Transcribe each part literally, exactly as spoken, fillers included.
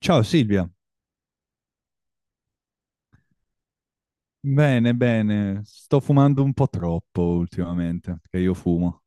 Ciao Silvia, bene, bene, sto fumando un po' troppo ultimamente, perché io fumo.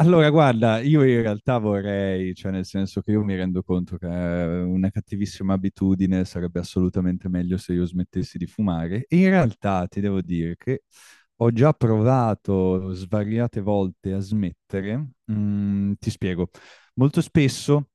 Allora, guarda, io in realtà vorrei, cioè nel senso che io mi rendo conto che è una cattivissima abitudine, sarebbe assolutamente meglio se io smettessi di fumare. E in realtà ti devo dire che ho già provato svariate volte a smettere. Mm, ti spiego. Molto spesso,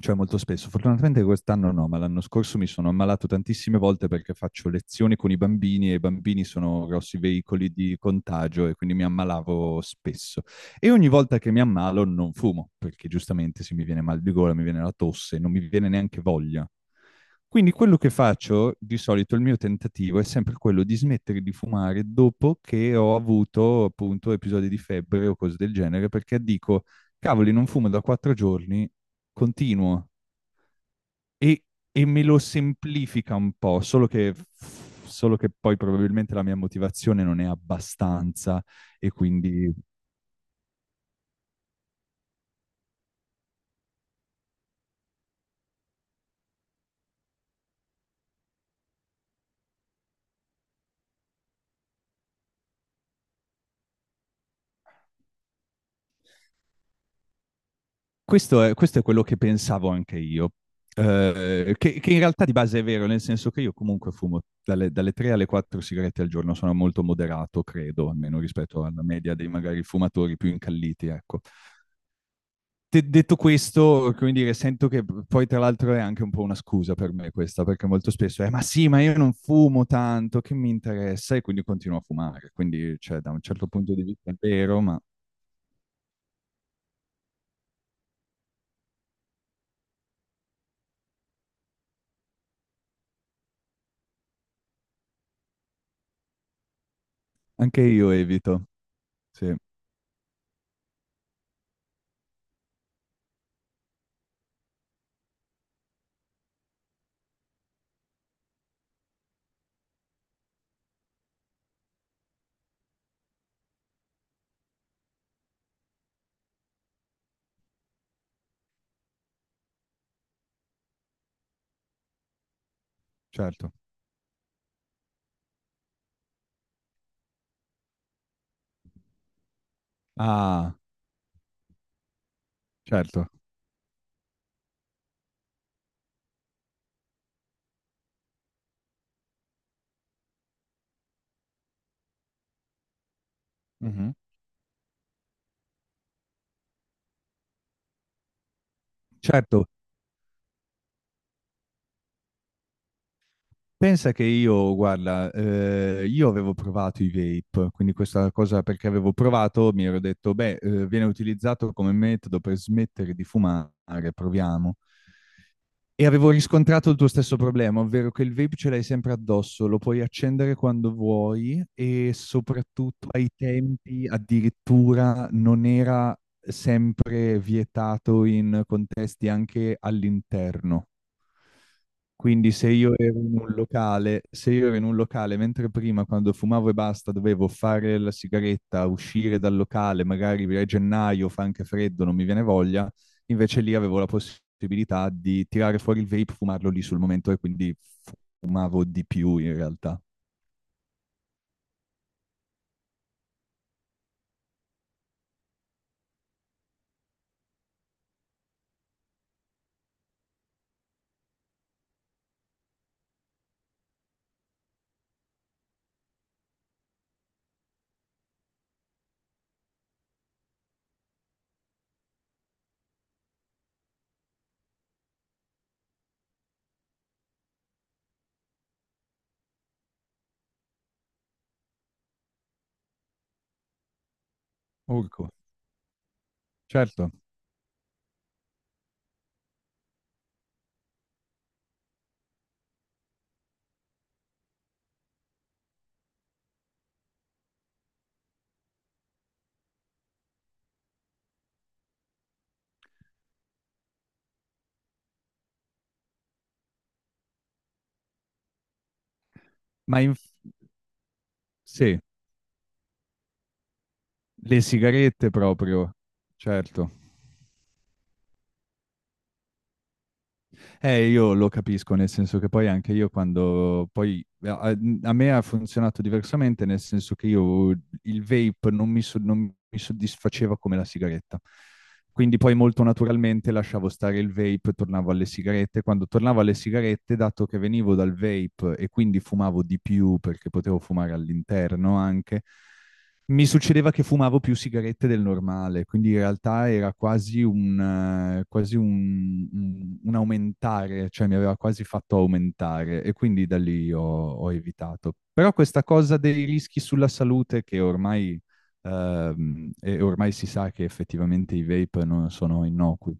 cioè molto spesso, fortunatamente quest'anno no, ma l'anno scorso mi sono ammalato tantissime volte perché faccio lezioni con i bambini e i bambini sono grossi veicoli di contagio e quindi mi ammalavo spesso. E ogni volta che mi ammalo non fumo, perché giustamente se mi viene mal di gola, mi viene la tosse, non mi viene neanche voglia. Quindi quello che faccio, di solito il mio tentativo è sempre quello di smettere di fumare dopo che ho avuto appunto episodi di febbre o cose del genere, perché dico, cavoli, non fumo da quattro giorni, continuo e, e me lo semplifica un po', solo che, solo che poi probabilmente la mia motivazione non è abbastanza e quindi. Questo è, questo è quello che pensavo anche io, eh, che, che in realtà di base è vero, nel senso che io comunque fumo dalle, dalle tre alle quattro sigarette al giorno, sono molto moderato, credo, almeno rispetto alla media dei magari fumatori più incalliti, ecco. De- detto questo, come dire, sento che poi tra l'altro è anche un po' una scusa per me questa, perché molto spesso è ma sì, ma io non fumo tanto, che mi interessa? E quindi continuo a fumare, quindi cioè, da un certo punto di vista è vero, ma anche io evito, sì, certo. Ah, certo. Mhm. Certo, pensa che io, guarda, eh, io avevo provato i vape, quindi questa cosa perché avevo provato, mi ero detto, beh, eh, viene utilizzato come metodo per smettere di fumare, proviamo. E avevo riscontrato il tuo stesso problema, ovvero che il vape ce l'hai sempre addosso, lo puoi accendere quando vuoi e soprattutto ai tempi addirittura non era sempre vietato in contesti anche all'interno. Quindi se io ero in un locale, se io ero in un locale, mentre prima quando fumavo e basta dovevo fare la sigaretta, uscire dal locale, magari a gennaio fa anche freddo, non mi viene voglia, invece lì avevo la possibilità di tirare fuori il vape, fumarlo lì sul momento e quindi fumavo di più in realtà. Urco, certo, ma in- sì, le sigarette proprio, certo. Eh, io lo capisco, nel senso che poi anche io quando poi eh, a, a me ha funzionato diversamente, nel senso che io il vape non mi, so- non mi soddisfaceva come la sigaretta. Quindi poi molto naturalmente lasciavo stare il vape e tornavo alle sigarette. Quando tornavo alle sigarette, dato che venivo dal vape e quindi fumavo di più perché potevo fumare all'interno anche, mi succedeva che fumavo più sigarette del normale, quindi in realtà era quasi un, eh, quasi un, un- un aumentare, cioè mi aveva quasi fatto aumentare e quindi da lì ho, ho evitato. Però questa cosa dei rischi sulla salute che ormai, ehm, e ormai si sa che effettivamente i vape non sono innocui.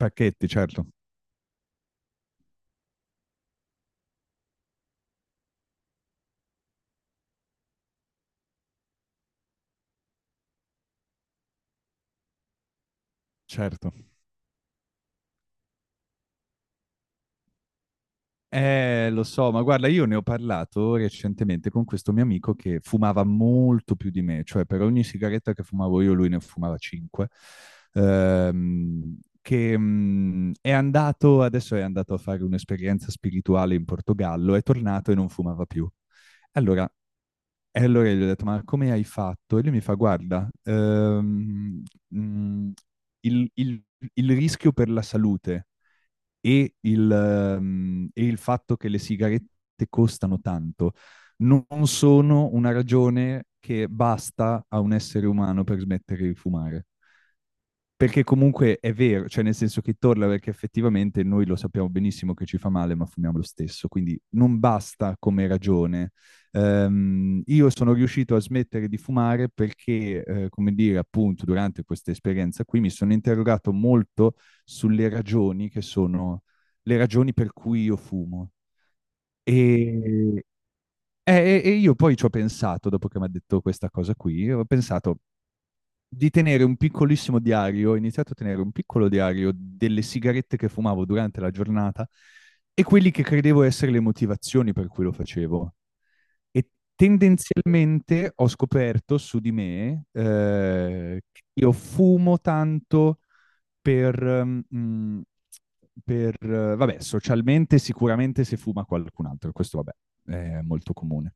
Pacchetti, certo, certo. Eh, lo so, ma guarda, io ne ho parlato recentemente con questo mio amico che fumava molto più di me, cioè per ogni sigaretta che fumavo io, lui ne fumava cinque. Che mm, è andato, adesso è andato a fare un'esperienza spirituale in Portogallo, è tornato e non fumava più. Allora, e allora gli ho detto, ma come hai fatto? E lui mi fa, guarda, ehm, mm, il, il- il rischio per la salute e il, mm, e il fatto che le sigarette costano tanto non sono una ragione che basta a un essere umano per smettere di fumare. Perché comunque è vero, cioè nel senso che torna perché effettivamente noi lo sappiamo benissimo che ci fa male, ma fumiamo lo stesso, quindi non basta come ragione. Ehm, io sono riuscito a smettere di fumare perché, eh, come dire, appunto, durante questa esperienza qui mi sono interrogato molto sulle ragioni che sono le ragioni per cui io fumo. E, eh, e- e io poi ci ho pensato, dopo che mi ha detto questa cosa qui, ho pensato, di tenere un piccolissimo diario, ho iniziato a tenere un piccolo diario delle sigarette che fumavo durante la giornata e quelli che credevo essere le motivazioni per cui lo facevo. E tendenzialmente ho scoperto su di me eh, che io fumo tanto per, mm, per, eh, vabbè, socialmente sicuramente se fuma qualcun altro, questo vabbè, è molto comune.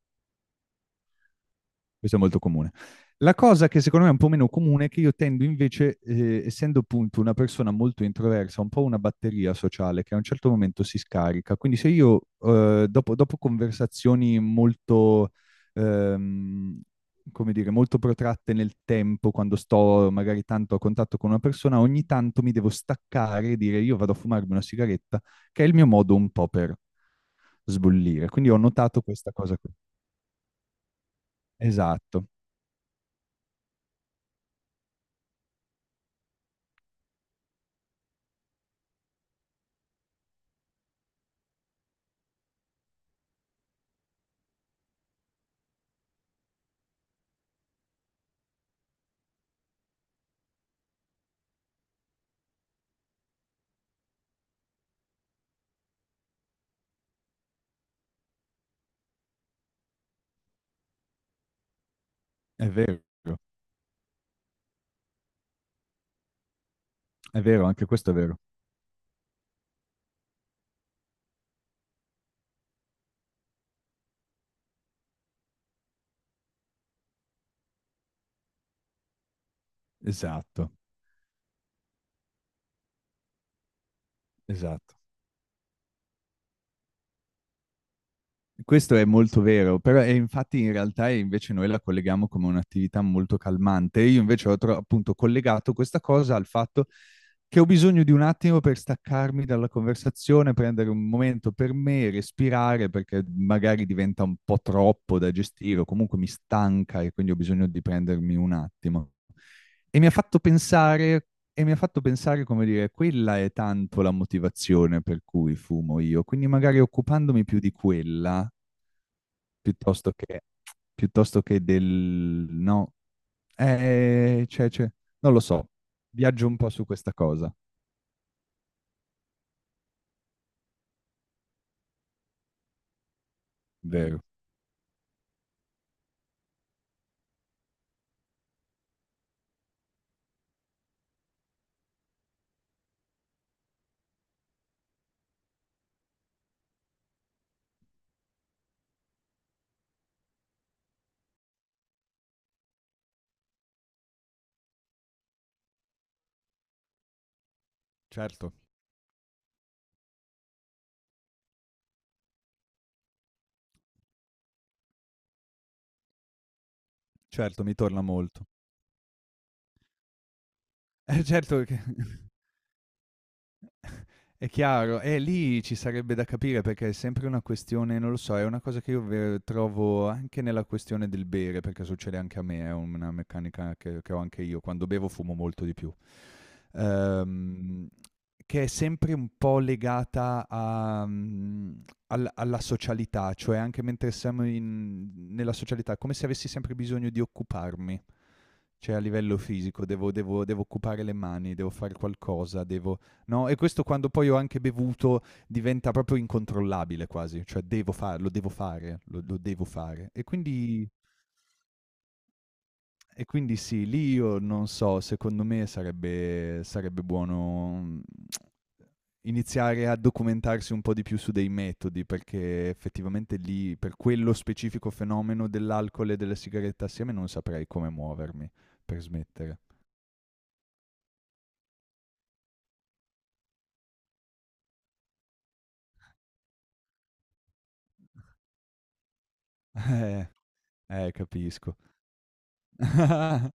Questo è molto comune. La cosa che secondo me è un po' meno comune è che io tendo invece, eh, essendo appunto una persona molto introversa, un po' una batteria sociale che a un certo momento si scarica. Quindi se io eh, dopo, dopo conversazioni molto, ehm, come dire, molto protratte nel tempo, quando sto magari tanto a contatto con una persona, ogni tanto mi devo staccare e dire io vado a fumarmi una sigaretta, che è il mio modo un po' per sbollire. Quindi ho notato questa cosa qui. Esatto, è vero. È vero, anche questo è vero. Esatto, esatto. Questo è molto vero, però e infatti in realtà invece noi la colleghiamo come un'attività molto calmante. Io invece ho tro- appunto collegato questa cosa al fatto che ho bisogno di un attimo per staccarmi dalla conversazione, prendere un momento per me, respirare, perché magari diventa un po' troppo da gestire o comunque mi stanca e quindi ho bisogno di prendermi un attimo. E mi ha fatto pensare e mi ha fatto pensare, come dire, quella è tanto la motivazione per cui fumo io, quindi magari occupandomi più di quella, piuttosto che, piuttosto che del... no, eh, cioè, cioè, non lo so, viaggio un po' su questa cosa, vero? Certo, certo, mi torna molto. Eh, certo, che- è chiaro, e lì ci sarebbe da capire perché è sempre una questione, non lo so, è una cosa che io ve- trovo anche nella questione del bere, perché succede anche a me, è una meccanica che, che ho anche io, quando bevo fumo molto di più. Ehm, che è sempre un po' legata a, mm, al- alla socialità, cioè anche mentre siamo in- nella socialità, come se avessi sempre bisogno di occuparmi, cioè a livello fisico, devo, devo devo occupare le mani, devo fare qualcosa, devo, no? E questo quando poi ho anche bevuto diventa proprio incontrollabile quasi, cioè devo fare, lo devo fare, lo, lo devo fare. E quindi, e quindi sì, lì io non so, secondo me sarebbe, sarebbe buono, mm, iniziare a documentarsi un po' di più su dei metodi, perché effettivamente lì, per quello specifico fenomeno dell'alcol e della sigaretta assieme, non saprei come muovermi per smettere. Eh, eh, capisco.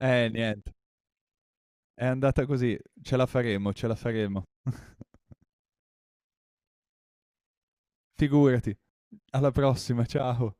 Eh, niente. È andata così, ce la faremo, ce la faremo. Figurati. Alla prossima, ciao.